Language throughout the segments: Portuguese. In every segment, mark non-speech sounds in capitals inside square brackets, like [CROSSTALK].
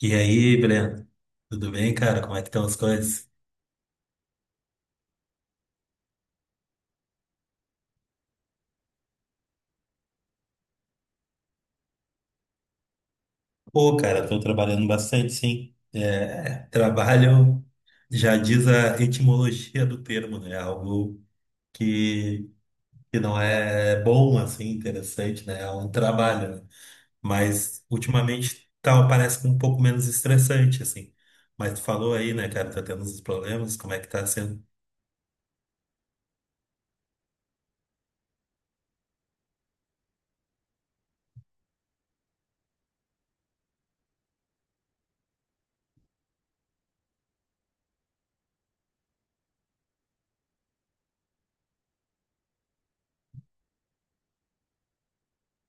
E aí, Breno? Tudo bem, cara? Como é que estão as coisas? Pô, cara, tô trabalhando bastante, sim. Trabalho já diz a etimologia do termo, né? Algo que, que não é bom, assim, interessante, né? É um trabalho, né? Mas ultimamente tá, parece que um pouco menos estressante, assim. Mas tu falou aí, né, cara, tá tendo uns problemas, como é que tá sendo?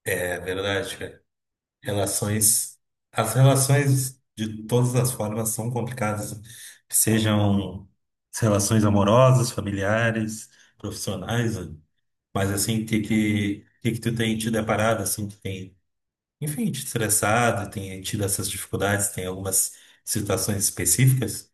É verdade, cara. Relações, as relações de todas as formas são complicadas, sejam as relações amorosas, familiares, profissionais, né? Mas assim, o que que tu tem te deparado, assim, tu tem, enfim, te estressado, tem tido essas dificuldades, tem algumas situações específicas?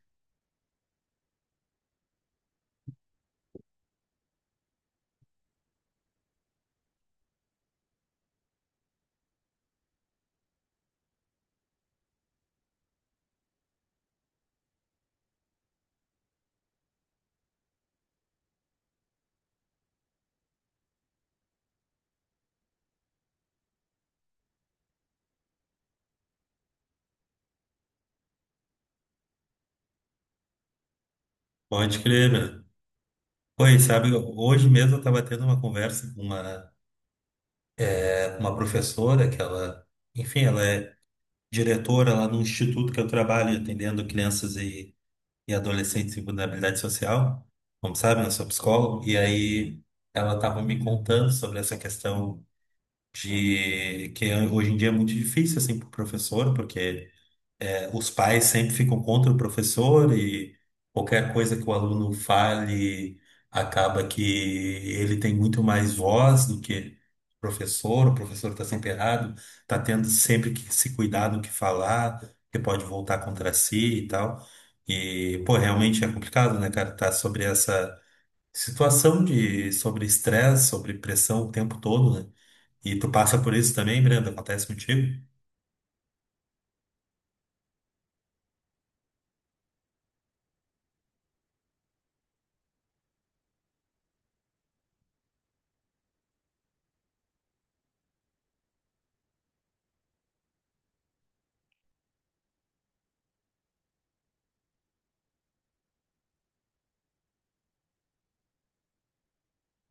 Pode crer, meu. Pois, sabe, hoje mesmo eu estava tendo uma conversa com uma, com uma professora que ela, enfim, ela é diretora lá no instituto que eu trabalho, atendendo crianças e adolescentes em vulnerabilidade social, como sabe, eu sou psicólogo, e aí ela estava me contando sobre essa questão de que hoje em dia é muito difícil assim para o professor, porque os pais sempre ficam contra o professor e qualquer coisa que o aluno fale acaba que ele tem muito mais voz do que o professor está sempre errado, está tendo sempre que se cuidar do que falar, que pode voltar contra si e tal. E, pô, realmente é complicado, né, cara, tá sobre essa situação de sobre estresse, sobre pressão o tempo todo, né? E tu passa por isso também, Brenda? Acontece contigo?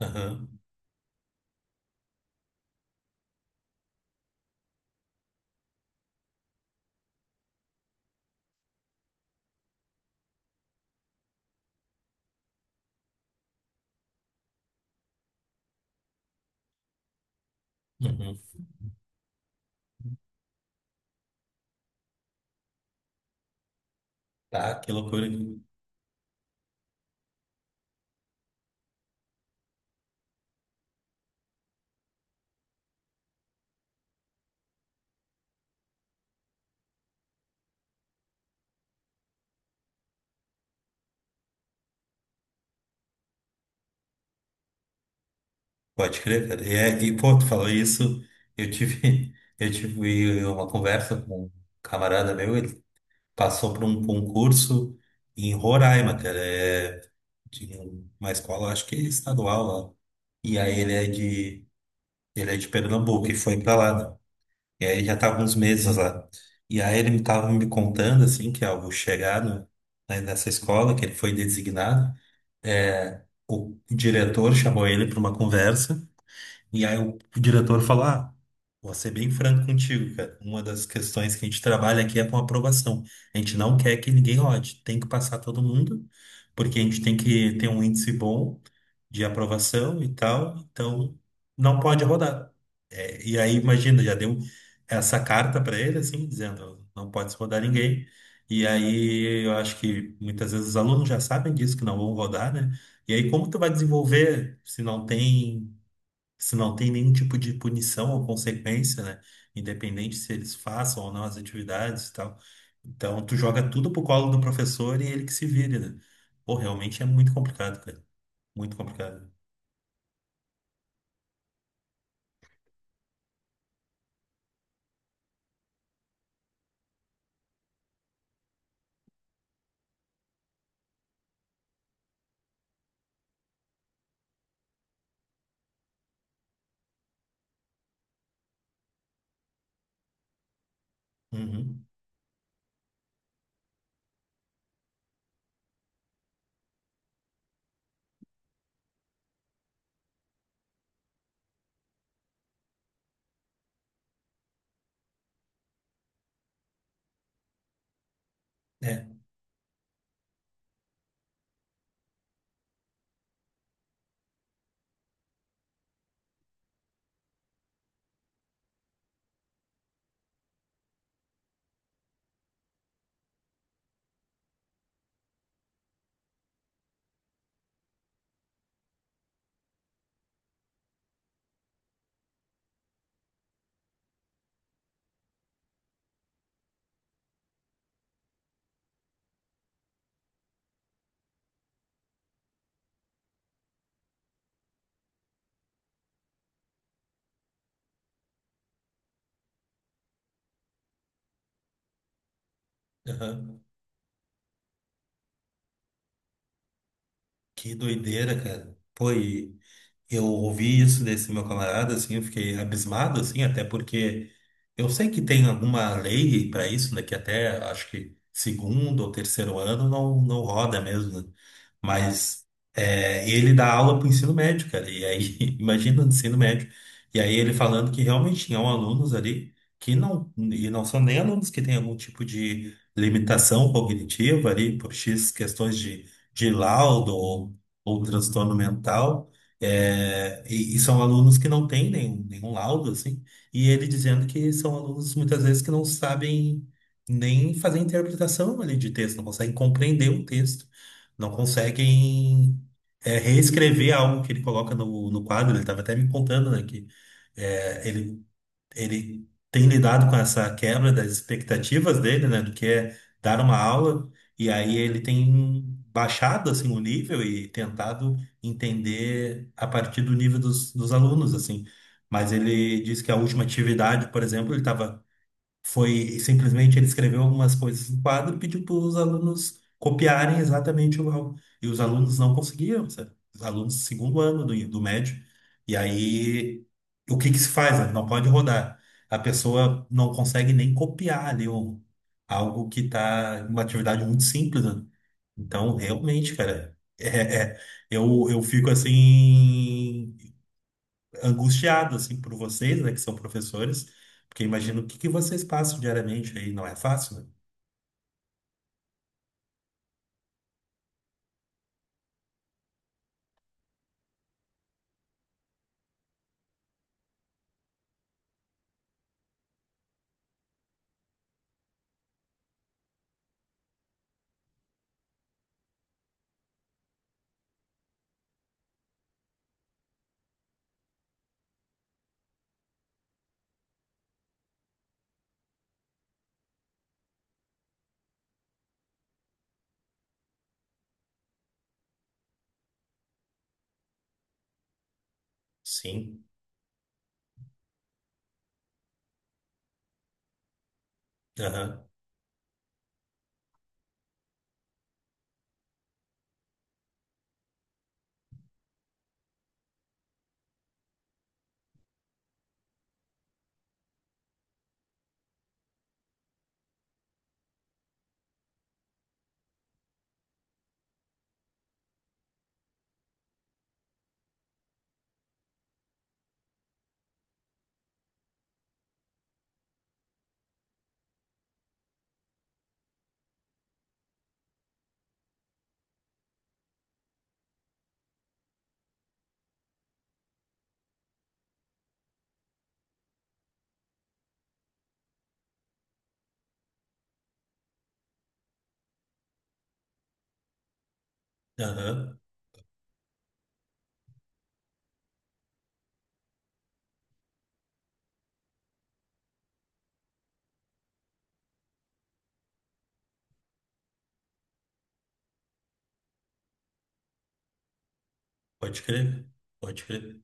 Aham. Uhum. Tá, que loucura. Pode crer, cara. E, pô, tu falou isso, eu tive, [LAUGHS] eu tive uma conversa com um camarada meu, ele passou por um concurso em Roraima, cara, é de uma escola, acho que estadual lá. E aí ele é de Pernambuco e foi pra lá, né? E aí ele já tava uns meses lá. E aí ele me contando, assim, que ao chegar no, né, nessa escola, que ele foi designado, o diretor chamou ele para uma conversa e aí o diretor falou: ah, vou ser bem franco contigo, cara. Uma das questões que a gente trabalha aqui é com aprovação. A gente não quer que ninguém rode, tem que passar todo mundo, porque a gente tem que ter um índice bom de aprovação e tal, então não pode rodar. É, e aí, imagina, já deu essa carta para ele, assim, dizendo: não pode se rodar ninguém. E aí, eu acho que muitas vezes os alunos já sabem disso, que não vão rodar, né? E aí, como tu vai desenvolver se não tem nenhum tipo de punição ou consequência, né? Independente se eles façam ou não as atividades e tal. Então, tu joga tudo pro colo do professor e ele que se vire, né? Pô, realmente é muito complicado, cara. Muito complicado. Uhum. É. Aham. Que doideira, cara. Pô, e eu ouvi isso desse meu camarada, assim, eu fiquei abismado, assim, até porque eu sei que tem alguma lei para isso, né? Que até acho que segundo ou terceiro ano não roda mesmo, né? Mas ele dá aula para o ensino médio, cara. E aí, [LAUGHS] imagina o ensino médio. E aí ele falando que realmente tinham alunos ali que não, e não são nem alunos que têm algum tipo de limitação cognitiva ali, por X questões de laudo ou transtorno mental. E são alunos que não têm nenhum laudo, assim, e ele dizendo que são alunos muitas vezes que não sabem nem fazer interpretação ali de texto, não conseguem compreender o texto não conseguem reescrever algo que ele coloca no quadro. Ele estava até me contando, né, que é, ele, ele tem lidado com essa quebra das expectativas dele, né, do que é dar uma aula, e aí ele tem baixado, assim, o nível e tentado entender a partir do nível dos alunos, assim. Mas ele disse que a última atividade, por exemplo, ele estava foi simplesmente ele escreveu algumas coisas no quadro e pediu para os alunos copiarem exatamente igual. E os alunos não conseguiam, sabe? Os alunos do segundo ano do médio. E aí, o que que se faz? Né? Não pode rodar. A pessoa não consegue nem copiar ali algo que está uma atividade muito simples, né? Então, realmente, cara, é- eu fico assim angustiado, assim, por vocês, né, que são professores, porque imagino o que que vocês passam diariamente aí, não é fácil, né? Sim, aham, aham, pode crer, pode crer.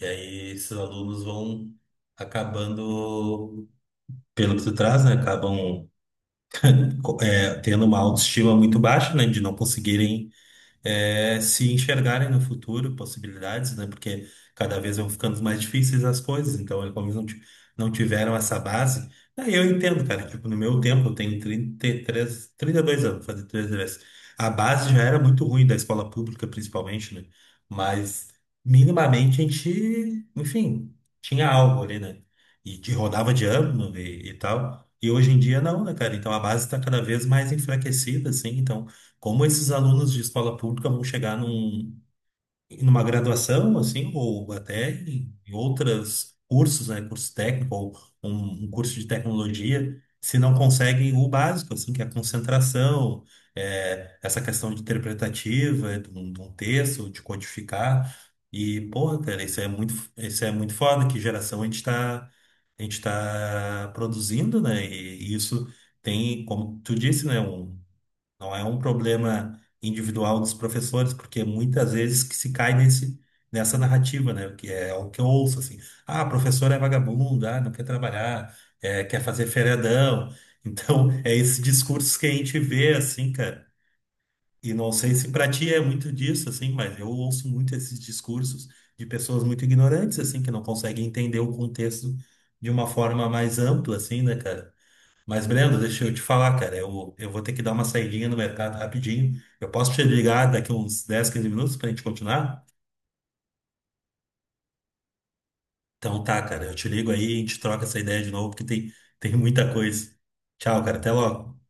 E aí esses alunos vão acabando, pelo que tu traz, né, acabam [LAUGHS] tendo uma autoestima muito baixa, né, de não conseguirem se enxergarem no futuro possibilidades, né? Porque cada vez vão ficando mais difíceis as coisas, então eles como eles não, ti- não tiveram essa base. Aí eu entendo, cara, tipo, no meu tempo, eu tenho 33, 32 anos, fazer 33. A base já era muito ruim da escola pública, principalmente, né? Mas minimamente a gente, enfim, tinha algo ali, né? Rodava de ano e tal. E hoje em dia não, né, cara? Então a base está cada vez mais enfraquecida, assim, então como esses alunos de escola pública vão chegar numa graduação, assim, ou até em outras cursos, né, curso técnico ou um curso de tecnologia, se não conseguem o básico, assim, que é a concentração, essa questão de interpretativa, de um texto, de codificar. E, porra, cara, isso é muito foda, que geração a gente tá produzindo, né? E isso tem, como tu disse, né, um não é um problema individual dos professores, porque muitas vezes que se cai nessa narrativa, né? Que é o que eu ouço, assim. Ah, professor é vagabundo, ah, não quer trabalhar, quer fazer feriadão. [LAUGHS] Então, é esse discurso que a gente vê, assim, cara. E não sei se pra ti é muito disso, assim, mas eu ouço muito esses discursos de pessoas muito ignorantes, assim, que não conseguem entender o contexto de uma forma mais ampla, assim, né, cara? Mas, Brenda, deixa eu te falar, cara. Eu vou ter que dar uma saidinha no mercado rapidinho. Eu posso te ligar daqui uns 10, 15 minutos pra gente continuar? Então tá, cara. Eu te ligo aí e a gente troca essa ideia de novo, porque tem muita coisa. Tchau, cara. Até logo.